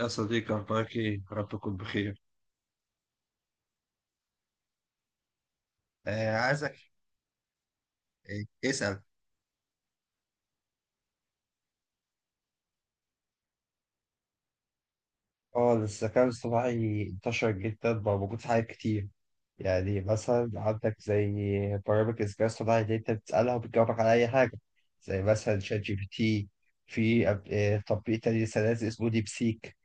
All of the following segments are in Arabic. يا صديقي، أخبارك إيه؟ رب تكون بخير. آه، عايزك. آه، اسأل. اه الذكاء الاصطناعي انتشر جدا، بقى موجود في حاجات كتير. يعني مثلا عندك زي برامج الذكاء الاصطناعي اللي انت بتسألها وبتجاوبك على أي حاجة، زي مثلا شات جي بي تي. في أب- آه، تطبيق تاني لسه نازل اسمه ديب سيك.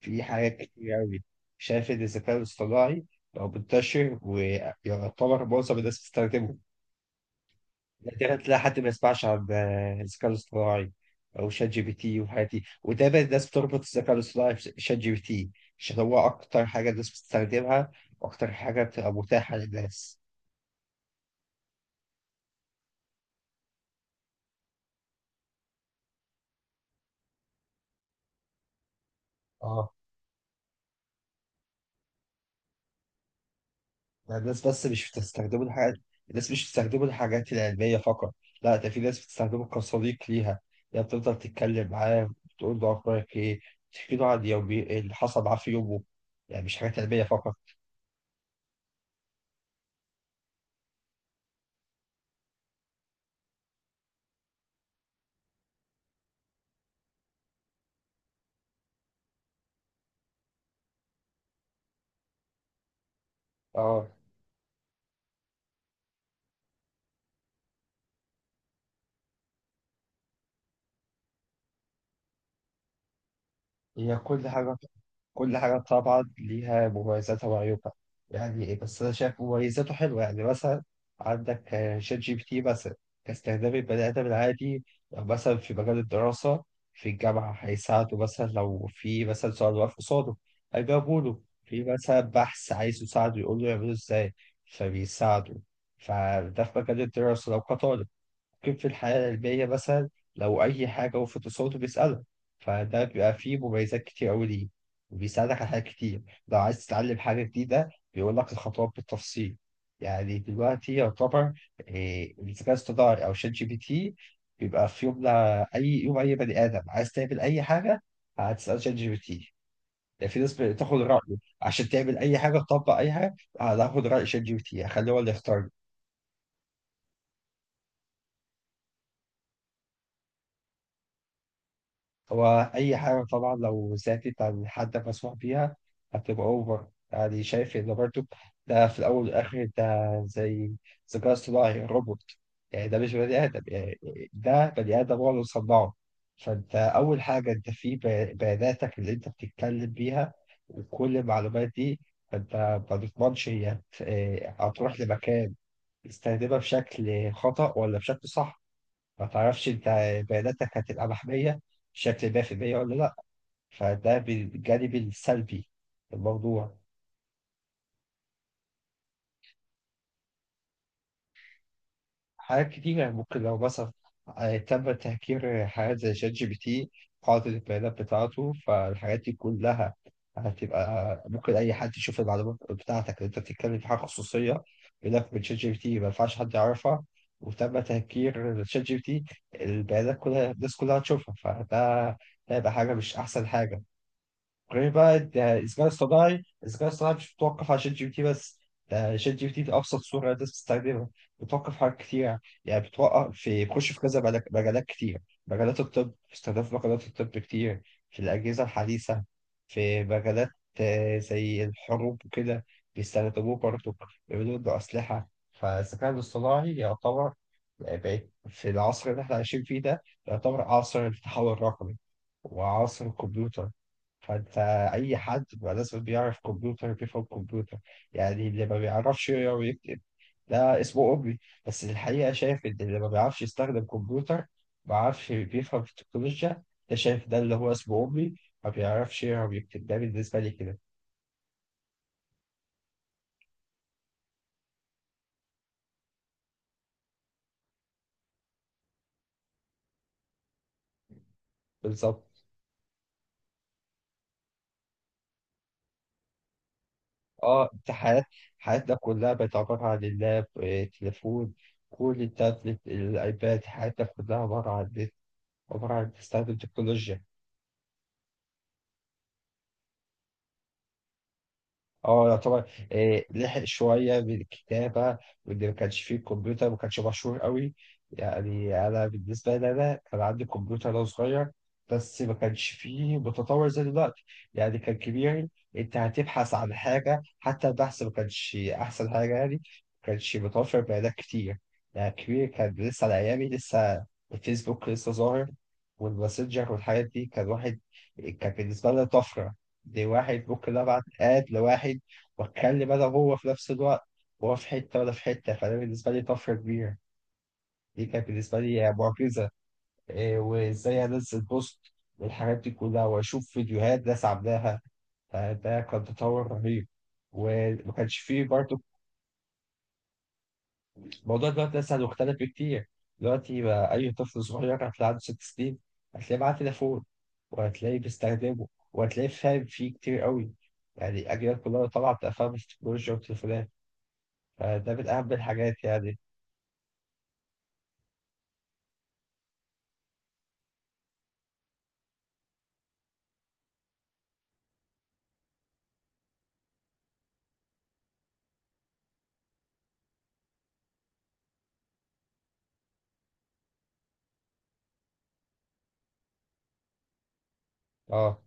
في حاجات كتير أوي. شايف إن الذكاء الاصطناعي بقى منتشر، ويعتبر معظم الناس بتستخدمه. نادرا تلاقي حد ما يسمعش عن الذكاء الاصطناعي او شات جي بي تي والحاجات دي. وده بقى الناس بتربط الذكاء الاصطناعي بشات جي بي تي عشان هو اكتر حاجه الناس بتستخدمها، واكتر حاجه بتبقى متاحه للناس. اه. يعني الناس بس مش بتستخدمه الحاجات، الناس مش بتستخدمه الحاجات العلميه فقط، لا، ده في ناس بتستخدمه كصديق ليها. يعني بتفضل تتكلم معاه، بتقول له اخبارك ايه، تحكي له عن يومي اللي حصل معاه في يومه. يعني مش حاجات علميه فقط. اه. هي كل حاجه، كل حاجة طبعا ليها مميزاتها وعيوبها. يعني إيه؟ بس أنا شايف مميزاته حلوة. يعني مثلا عندك شات جي بي تي مثلا، كاستخدام البني آدم العادي. لو مثلا في مجال الدراسة، في الجامعة هيساعده، مثلا لو في مثلا سؤال واقف قصاده هيجاوبه له، في مثلا بحث عايز يساعده يقول له يعمله إزاي فبيساعده. فده في مجال الدراسة لو كطالب، كيف في الحياة العلمية مثلا لو أي حاجة وقفت قصاده بيسأله. فده بيبقى فيه مميزات كتير أوي ليه، وبيساعدك على حاجات كتير. لو عايز تتعلم حاجة جديدة بيقول لك الخطوات بالتفصيل. يعني دلوقتي يعتبر الذكاء الاصطناعي أو شات جي بي تي بيبقى في يوم، أي يوم أي بني آدم عايز تعمل أي حاجة هتسأل شات جي بي تي. يعني في ناس بتاخد رأيه عشان تعمل أي حاجة تطبق أي حاجة، هتاخد رأي شات جي بي تي هخليه هو اللي يختار. هو أي حاجة طبعا لو زادت عن حد مسموح بيها هتبقى أوفر. يعني شايف إن برضه، ده في الأول والآخر ده زي ذكاء اصطناعي روبوت، يعني ده مش بني آدم. يعني ده بني آدم هو اللي صنعه. فأنت أول حاجة أنت بياناتك اللي أنت بتتكلم بيها وكل المعلومات دي، فأنت ما تضمنش هتروح لمكان تستخدمها بشكل خطأ ولا بشكل صح. ما تعرفش انت بياناتك هتبقى محمية بشكل 100% ولا لا. فده بالجانب السلبي الموضوع. حاجات كتيرة ممكن، لو مثلا تم تهكير حاجات زي شات جي بي تي، قاعدة البيانات بتاعته فالحاجات دي كلها، هتبقى ممكن أي حد يشوف المعلومات بتاعتك اللي أنت بتتكلم في حاجة خصوصية، يقول لك من شات جي بي تي ما ينفعش حد يعرفها، وتم تهكير شات جي بي تي، البيانات كلها الناس كلها هتشوفها. فده ده هيبقى حاجة مش أحسن حاجة. غير بقى ده الذكاء الاصطناعي. الذكاء الاصطناعي مش متوقف على شات جي بي تي بس، ده شات جي بي تي في ابسط صوره الناس بتستخدمها. بتوقف في حاجات كتير، يعني بتوقف في، بيخش في كذا مجالات كتير. مجالات الطب، في استخدام في مجالات الطب كتير، في الاجهزه الحديثه، في مجالات زي الحروب وكده بيستخدموه برضه، بيعملوا له اسلحه. فالذكاء الاصطناعي يعتبر بقت في العصر اللي احنا عايشين فيه ده، يعتبر عصر التحول الرقمي وعصر الكمبيوتر. فانت، اي حد بقى لازم بيعرف كمبيوتر، بيفهم كمبيوتر. يعني اللي ما بيعرفش يقرا ويكتب ده اسمه أمي، بس الحقيقة شايف إن اللي ما بيعرفش يستخدم كمبيوتر ما بيعرفش بيفهم في التكنولوجيا، ده شايف ده اللي هو اسمه أمي، ما بيعرفش يقرا ويكتب، ده بالنسبة لي كده. بالظبط. اه انت حيات حياتنا كلها بقت عبارة عن اللاب، تليفون، كل التابلت الأيباد. حياتنا كلها عبارة عن، عبارة عن تستخدم تكنولوجيا. اه، يعتبر لحق شوية بالكتابة، واللي ما كانش فيه الكمبيوتر ما كانش مشهور قوي. يعني أنا بالنسبة لي أنا كان عندي كمبيوتر وأنا صغير، بس ما كانش فيه متطور زي دلوقتي. يعني كان كبير، أنت هتبحث عن حاجة حتى البحث ما كانش أحسن حاجة، يعني ما كانش متوفر بيانات كتير. يعني كبير كان لسه على أيامي. لسه الفيسبوك لسه ظاهر، والماسنجر والحاجات دي، كان واحد كان بالنسبة لنا طفرة، دي واحد ممكن أبعت آد لواحد، وخلي بقى هو في نفس الوقت هو في حتة وأنا في حتة. فده بالنسبة لي طفرة كبيرة، دي كانت بالنسبة لي معجزة. إيه وإزاي أنزل بوست والحاجات دي كلها، وأشوف فيديوهات ناس عاملاها. فده كان تطور رهيب، وما كانش فيه برضه. الموضوع دلوقتي لسه مختلف كتير. دلوقتي بقى أي طفل صغير هتلاقي عنده 6 سنين، هتلاقيه معاه تليفون وهتلاقيه بيستخدمه، وهتلاقيه فاهم فيه كتير قوي. يعني الأجيال كلها طبعا بتبقى فاهمة في التكنولوجيا والتليفونات. فده من أهم الحاجات يعني. اه.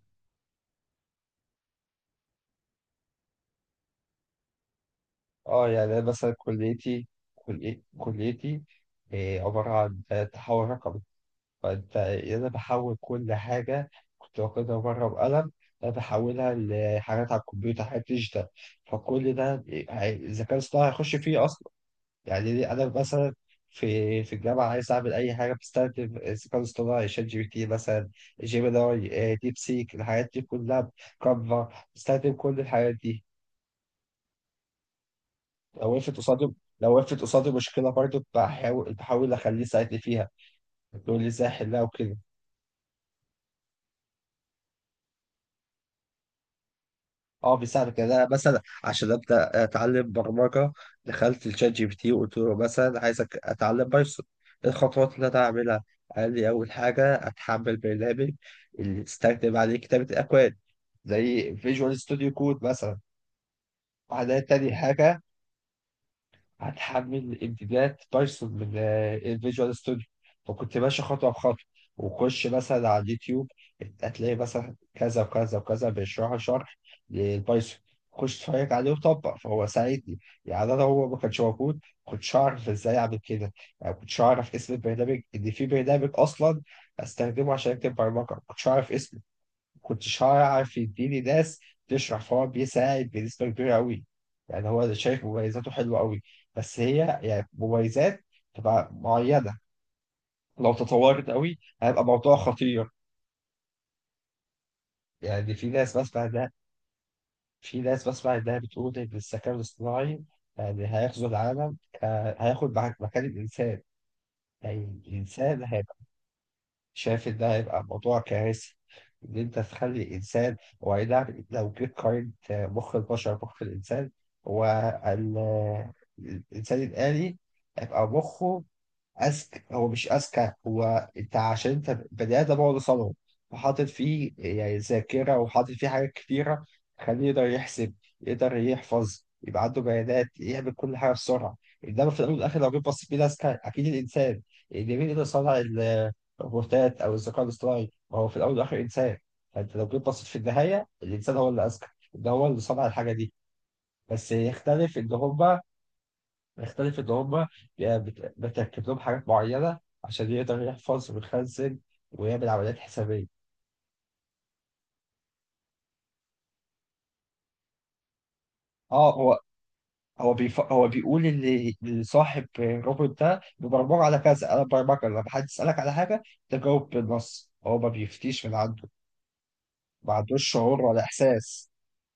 اه يعني أنا مثلا كليتي، كليتي عبارة عن تحول رقمي. فانت انا بحول كل حاجة كنت واخدها بره بقلم، انا بحولها لحاجات على الكمبيوتر، حاجات ديجيتال. فكل ده الذكاء الاصطناعي هيخش فيه اصلا. يعني ليه، انا مثلا في الجامعة عايز أعمل أي حاجة بستخدم الذكاء الاصطناعي، شات جي بي تي مثلا، جيميناي، ديب سيك، الحاجات دي كلها، كانفا، بستخدم كل الحاجات دي. لو وقفت قصادي، لو وقفت قصادي مشكلة برضه بحاول أخليه يساعدني فيها، يقول لي إزاي أحلها وكده. أه بيساعدك. يعني أنا مثلا عشان أبدأ أتعلم برمجة، دخلت الشات جي بي تي وقلت له مثلا عايزك أتعلم بايثون، إيه الخطوات اللي أنا أعملها؟ قال لي أول حاجة أتحمل برنامج اللي استخدم عليه كتابة الأكواد، زي فيجوال ستوديو كود مثلا. بعدها تاني حاجة هتحمل امتدادات بايثون من الفيجوال ستوديو. فكنت ماشي خطوه بخطوه، وخش مثلا على اليوتيوب هتلاقي مثلا كذا وكذا وكذا بيشرحوا شرح للبايثون، خش اتفرج عليه وطبق. فهو ساعدني. يعني انا هو ما كانش موجود كنتش اعرف ازاي اعمل كده، يعني كنتش اعرف اسم البرنامج ان في برنامج اصلا استخدمه عشان اكتب برمجه، كنتش اعرف اسمه، كنتش هعرف يديني ناس تشرح. فهو بيساعد بنسبة كبيرة أوي. يعني هو شايف مميزاته حلوة أوي، بس هي يعني مميزات تبقى معينة، لو تطورت أوي هيبقى موضوع خطير. يعني في ناس بسمع ده، في ناس بسمع إنها بتقول إن الذكاء الاصطناعي يعني هيغزو العالم، هياخد مكان الإنسان. يعني الإنسان شايف إن ده هيبقى موضوع كارثي، إن أنت تخلي الإنسان. هو أي نعم لو جيت قارنت مخ البشر بمخ الإنسان، هو ال- الإنسان الآلي هيبقى مخه اذكى. هو مش اذكى، هو انت عشان انت بدأت بقعد صنعه، وحاطط فيه يعني ذاكره، وحاطط فيه حاجات كتيره، خليه يقدر يحسب، يقدر يحفظ، يبقى عنده بيانات، يعمل كل حاجه بسرعه. انما في الاول والاخر لو جيت بصيت بيه اذكى، اكيد الانسان اللي مين يقدر يصنع الروبوتات او الذكاء الاصطناعي، ما هو في الاول والاخر انسان. فانت لو جيت بصيت في النهايه الانسان هو اللي اذكى، ده هو اللي صنع الحاجه دي. بس يختلف ان هما، بيختلف إن هما بتركب لهم حاجات معينة عشان يقدر يحفظ ويخزن ويعمل عمليات حسابية. اه هو، هو بيقول ان صاحب الروبوت ده ببرمجه على كذا، انا برمجه لما حد يسالك على حاجه تجاوب بالنص، هو ما بيفتيش من عنده. ما عندوش شعور ولا احساس.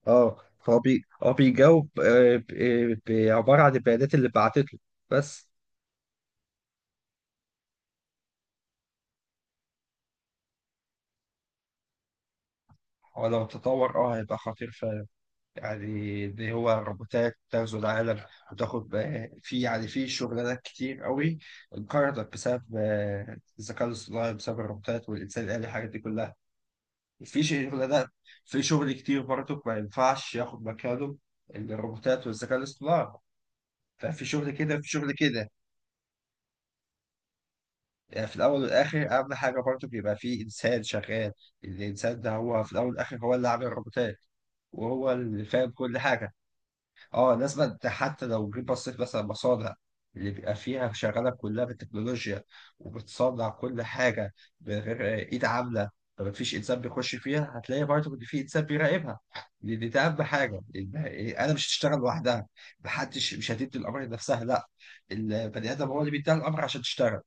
اه. هو بيجاوب عباره عن البيانات اللي بعتت له بس. هو لو تطور اه هيبقى خطير فعلا. يعني اللي هو روبوتات تغزو العالم، وتاخد في، يعني في شغلانات كتير قوي انقرضت بسبب الذكاء الاصطناعي، بسبب الروبوتات والإنسان الآلي الحاجات دي كلها. في شغلانات، في شغل كتير برضه ما ينفعش ياخد مكانه الروبوتات والذكاء الاصطناعي، ففي شغل كده في شغل كده. يعني في الأول والآخر أهم حاجة برضه بيبقى في إنسان شغال، الإنسان ده هو في الأول والآخر هو اللي عامل الروبوتات، وهو اللي فاهم كل حاجة. اه لازم. أنت حتى لو جيت بصيت مثلا مصانع اللي بيبقى فيها شغاله كلها بالتكنولوجيا، وبتصنع كل حاجه بغير ايد عامله، فما فيش انسان بيخش فيها، هتلاقي برضه ان في انسان بيراقبها، لان ده اهم حاجه، إن انا مش هتشتغل لوحدها، محدش مش هتدي الامر لنفسها، لا، البني ادم هو اللي بيديها الامر عشان تشتغل.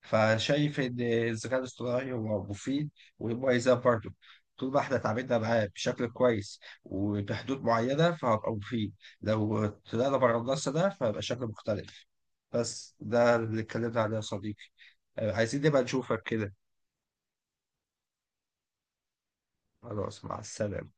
فشايف ان الذكاء الاصطناعي هو مفيد ومميزات برضه، طول ما احنا اتعاملنا معاه بشكل كويس وبحدود معينه فهبقى مفيد، لو طلعنا بره النص ده فهيبقى شكل مختلف. بس ده اللي اتكلمنا عليه يا صديقي. عايزين نبقى نشوفك كده. خلاص، مع السلامه.